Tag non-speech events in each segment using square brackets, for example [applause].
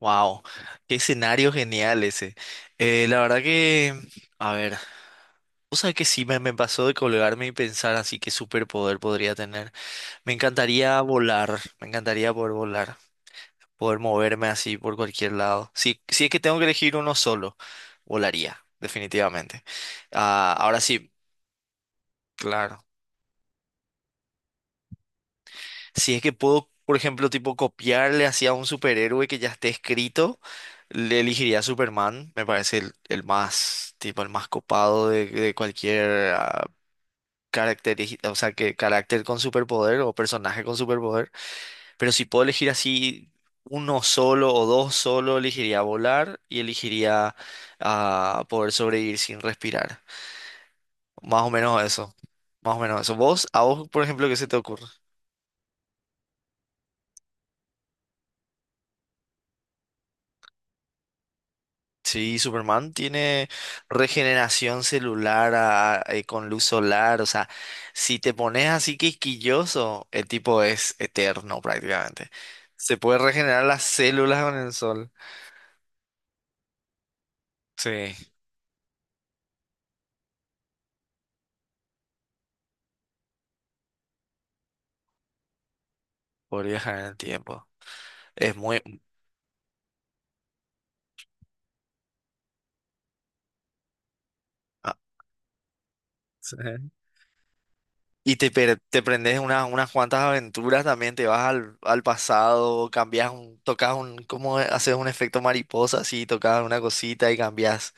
Wow, qué escenario genial ese. La verdad que, a ver, o sea que sí me pasó de colgarme y pensar así qué superpoder podría tener. Me encantaría volar, me encantaría poder volar, poder moverme así por cualquier lado. Si es que tengo que elegir uno solo, volaría, definitivamente. Ah, ahora sí, claro. Si es que puedo, por ejemplo, tipo copiarle hacia un superhéroe que ya esté escrito, le elegiría a Superman. Me parece el más, tipo, el más copado de cualquier o sea, que carácter con superpoder o personaje con superpoder. Pero si puedo elegir así uno solo o dos solo, elegiría volar y elegiría poder sobrevivir sin respirar. Más o menos eso. Más o menos eso. ¿Vos, a vos, por ejemplo, qué se te ocurre? Sí, Superman tiene regeneración celular con luz solar, o sea, si te pones así quisquilloso, el tipo es eterno prácticamente. Se puede regenerar las células con el sol. Sí, por viajar en el tiempo. Es muy... ah, sí. [laughs] Y te prendes unas cuantas aventuras también, te vas al, al pasado, cambias un, tocas un, como haces un efecto mariposa así, tocas una cosita y cambias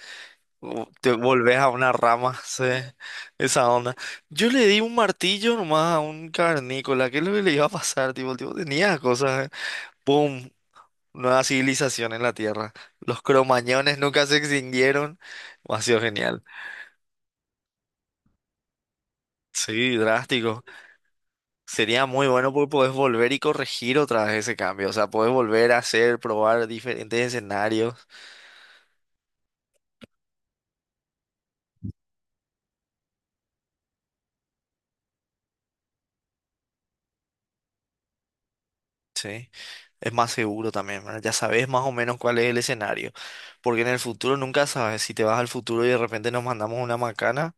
te volvés a una rama, [laughs] sí, esa onda. Yo le di un martillo nomás a un cavernícola. ¿Qué es lo que le iba a pasar? Tipo, el tipo tenía cosas, ¿eh? ¡Pum! Nueva civilización en la Tierra. Los cromañones nunca se extinguieron. Ha sido genial. Sí, drástico. Sería muy bueno porque podés volver y corregir otra vez ese cambio. O sea, podés volver a hacer, probar diferentes escenarios. Sí. Es más seguro también, ¿verdad? Ya sabes más o menos cuál es el escenario. Porque en el futuro nunca sabes. Si te vas al futuro y de repente nos mandamos una macana,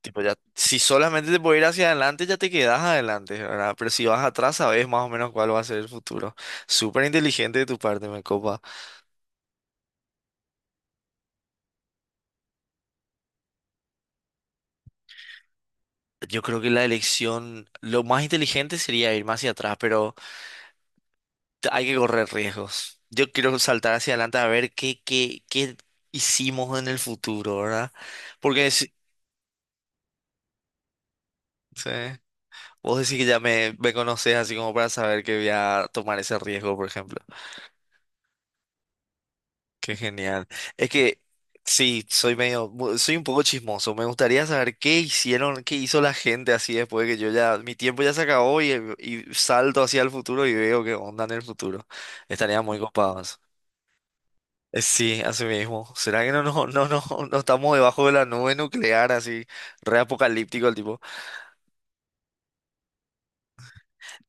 tipo ya, si solamente te puedes ir hacia adelante, ya te quedas adelante, ¿verdad? Pero si vas atrás, sabes más o menos cuál va a ser el futuro. Súper inteligente de tu parte, me copa. Yo creo que la elección, lo más inteligente sería ir más hacia atrás, pero hay que correr riesgos. Yo quiero saltar hacia adelante a ver qué hicimos en el futuro, ¿verdad? Porque si- sí. Vos decís que ya me conocés así como para saber que voy a tomar ese riesgo, por ejemplo. Qué genial. Es que sí, soy medio, soy un poco chismoso. Me gustaría saber qué hicieron, qué hizo la gente así después de que yo ya, mi tiempo ya se acabó y salto hacia el futuro y veo qué onda en el futuro. Estaría muy copados. Sí, así mismo. ¿Será que no estamos debajo de la nube nuclear así, re apocalíptico el tipo?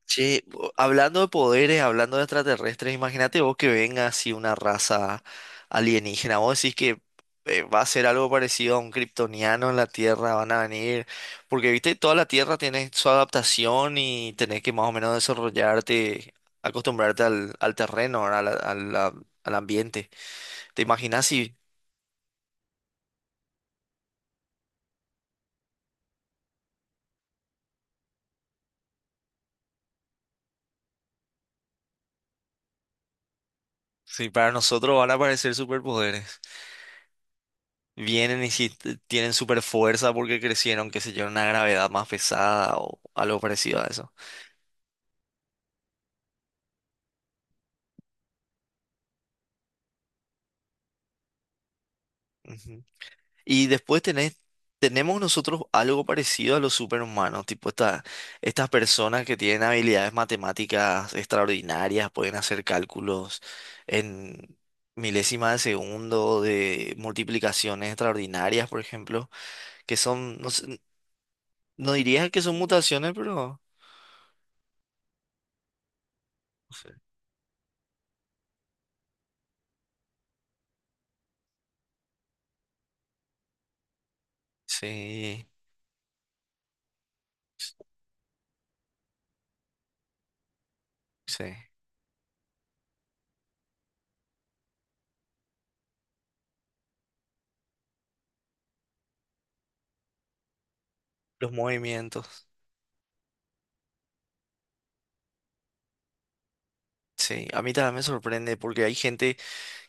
Che, hablando de poderes, hablando de extraterrestres, imagínate vos que venga así una raza alienígena. Vos decís que va a ser algo parecido a un kryptoniano en la Tierra, van a venir. Porque, viste, toda la Tierra tiene su adaptación y tenés que más o menos desarrollarte, acostumbrarte al terreno, ¿verdad? Al ambiente. ¿Te imaginas si, si para nosotros van a aparecer superpoderes? Vienen y si tienen super fuerza porque crecieron, qué sé yo, en una gravedad más pesada o algo parecido a eso. Ujú. Y después tenemos nosotros algo parecido a los superhumanos, tipo estas personas que tienen habilidades matemáticas extraordinarias, pueden hacer cálculos en milésimas de segundo, de multiplicaciones extraordinarias, por ejemplo, que son, no sé, no diría que son mutaciones, pero no sé. Sí, sí, los movimientos. Sí, a mí también me sorprende porque hay gente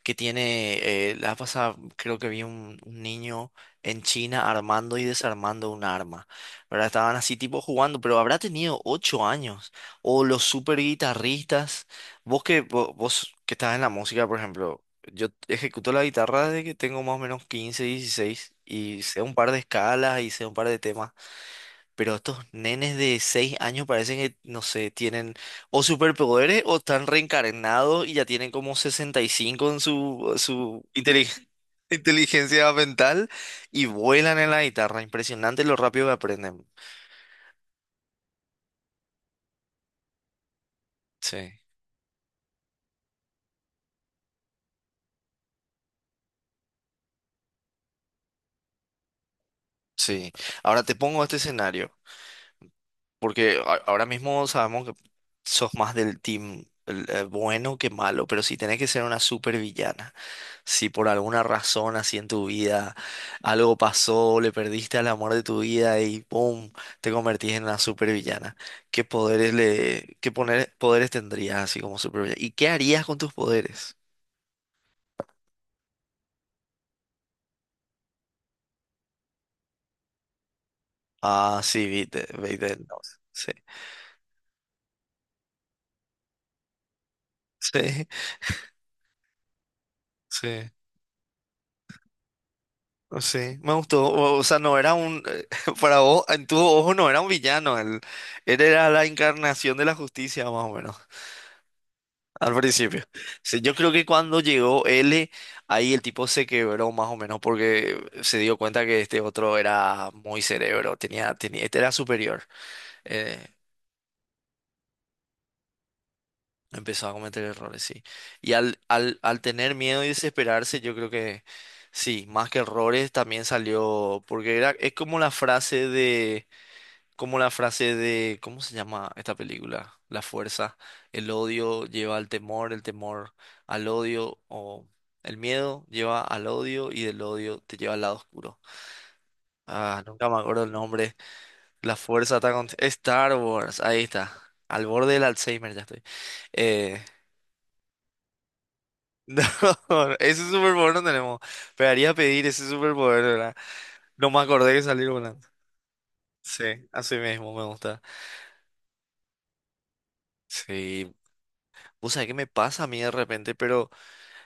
que tiene, la pasada creo que vi un niño en China armando y desarmando un arma, ¿verdad? Estaban así tipo jugando, pero habrá tenido ocho años. O los super guitarristas, vos que, vos, que estás en la música, por ejemplo, yo ejecuto la guitarra desde que tengo más o menos 15, 16 y sé un par de escalas y sé un par de temas. Pero estos nenes de 6 años parecen que, no sé, tienen o superpoderes o están reencarnados y ya tienen como 65 en su, su [laughs] inteligencia mental y vuelan en la guitarra. Impresionante lo rápido que aprenden. Sí, sí. Ahora te pongo este escenario, porque ahora mismo sabemos que sos más del team bueno que malo, pero si tenés que ser una supervillana. Si por alguna razón así en tu vida algo pasó, le perdiste al amor de tu vida y ¡pum! Te convertís en una supervillana. ¿Qué poderes le, qué poner, poderes tendrías así como supervillana? ¿Y qué harías con tus poderes? Ah, sí, viste, viste, no, sí, sí, sí, no, sí, me gustó. O sea, no era un, [laughs] para vos, en tu ojo no era un villano, él era la encarnación de la justicia más o menos. Al principio. Sí, yo creo que cuando llegó L, ahí el tipo se quebró más o menos porque se dio cuenta que este otro era muy cerebro, este era superior. eh, Empezó a cometer errores, sí. Y al tener miedo y desesperarse, yo creo que sí, más que errores, también salió, porque era, es como la frase de. Como la frase de, ¿cómo se llama esta película? La fuerza, el odio lleva al temor, el temor al odio, o el miedo lleva al odio y del odio te lleva al lado oscuro. Ah, nunca me acuerdo el nombre. La fuerza está con... Star Wars, ahí está. Al borde del Alzheimer ya estoy. Eh, [laughs] no, ese superpoder no tenemos. Pegaría a pedir ese superpoder, ¿verdad? No me acordé de salir volando. Sí, así mismo me gusta. Sí, vos sabés qué me pasa a mí de repente, pero...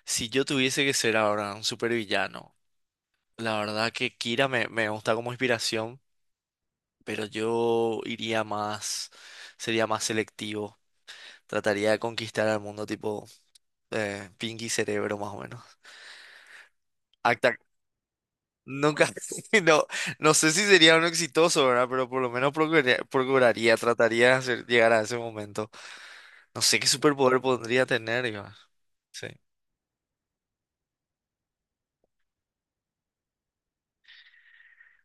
Si yo tuviese que ser ahora un supervillano, la verdad que Kira me gusta como inspiración, pero yo iría más, sería más selectivo. Trataría de conquistar al mundo tipo Pinky Cerebro más o menos. Acta- nunca, [laughs] no, no sé si sería uno exitoso, ¿verdad? Pero por lo menos trataría de llegar a ese momento. No sé qué superpoder podría tener, yo. Sí.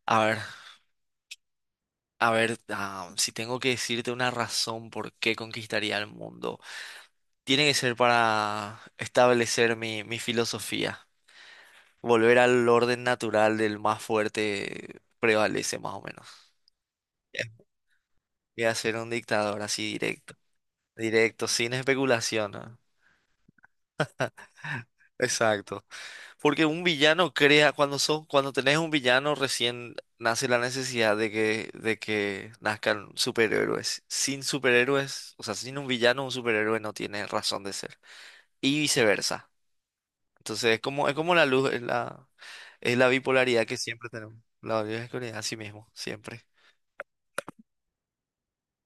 A ver, a ver, si tengo que decirte una razón por qué conquistaría el mundo. Tiene que ser para establecer mi filosofía. Volver al orden natural del más fuerte prevalece más o menos. Ya. Voy a ser un dictador así directo. Directo, sin especulación, ¿no? Exacto. Porque un villano crea, cuando son, cuando tenés un villano, recién nace la necesidad de que nazcan superhéroes. Sin superhéroes, o sea, sin un villano, un superhéroe no tiene razón de ser. Y viceversa. Entonces es como la luz, es la bipolaridad que siempre tenemos. La bipolaridad, así mismo, siempre.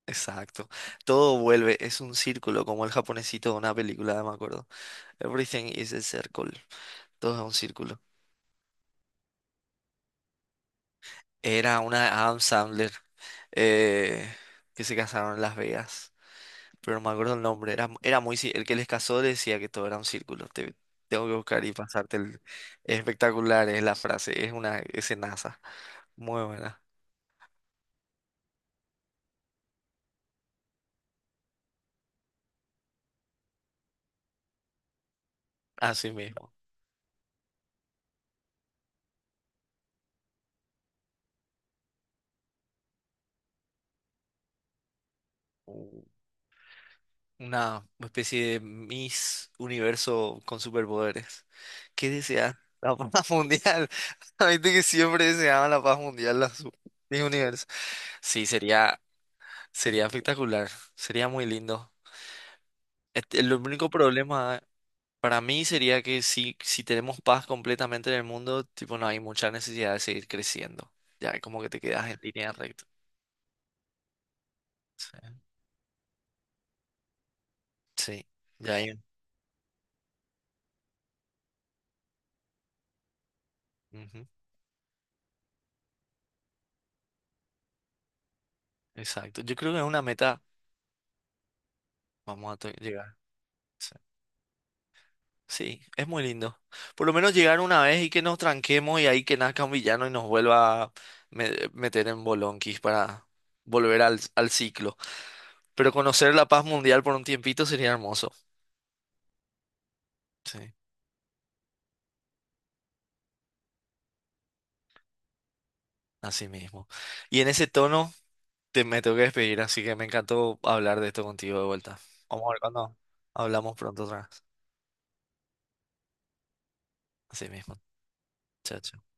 Exacto. Todo vuelve, es un círculo, como el japonesito de una película, me acuerdo. Everything is a circle. Todo es un círculo. Era una Adam Sandler eh, que se casaron en Las Vegas. Pero no me acuerdo el nombre. Era muy, el que les casó decía que todo era un círculo. Tengo que buscar y pasarte el. Es espectacular, es la frase. Es una escenaza. Muy buena. Así mismo. Una especie de Miss Universo con superpoderes. ¿Qué desean? La paz [laughs] mundial. [laughs] La gente que siempre deseaba la paz mundial, la Miss Universo. Sí, sería, sería espectacular, sería muy lindo. Este, el único problema para mí sería que si, si tenemos paz completamente en el mundo, tipo, no hay mucha necesidad de seguir creciendo. Ya como que te quedas en línea recta. Sí, sí, ya hay. Ujú. Exacto. Yo creo que es una meta. Vamos a llegar. Sí. Sí, es muy lindo. Por lo menos llegar una vez y que nos tranquemos y ahí que nazca un villano y nos vuelva a meter en bolonquis para volver al, al ciclo. Pero conocer la paz mundial por un tiempito sería hermoso. Sí, así mismo. Y en ese tono me tengo que despedir, así que me encantó hablar de esto contigo de vuelta. Vamos a ver cuando hablamos pronto otra vez. Así mismo. Chao, chao.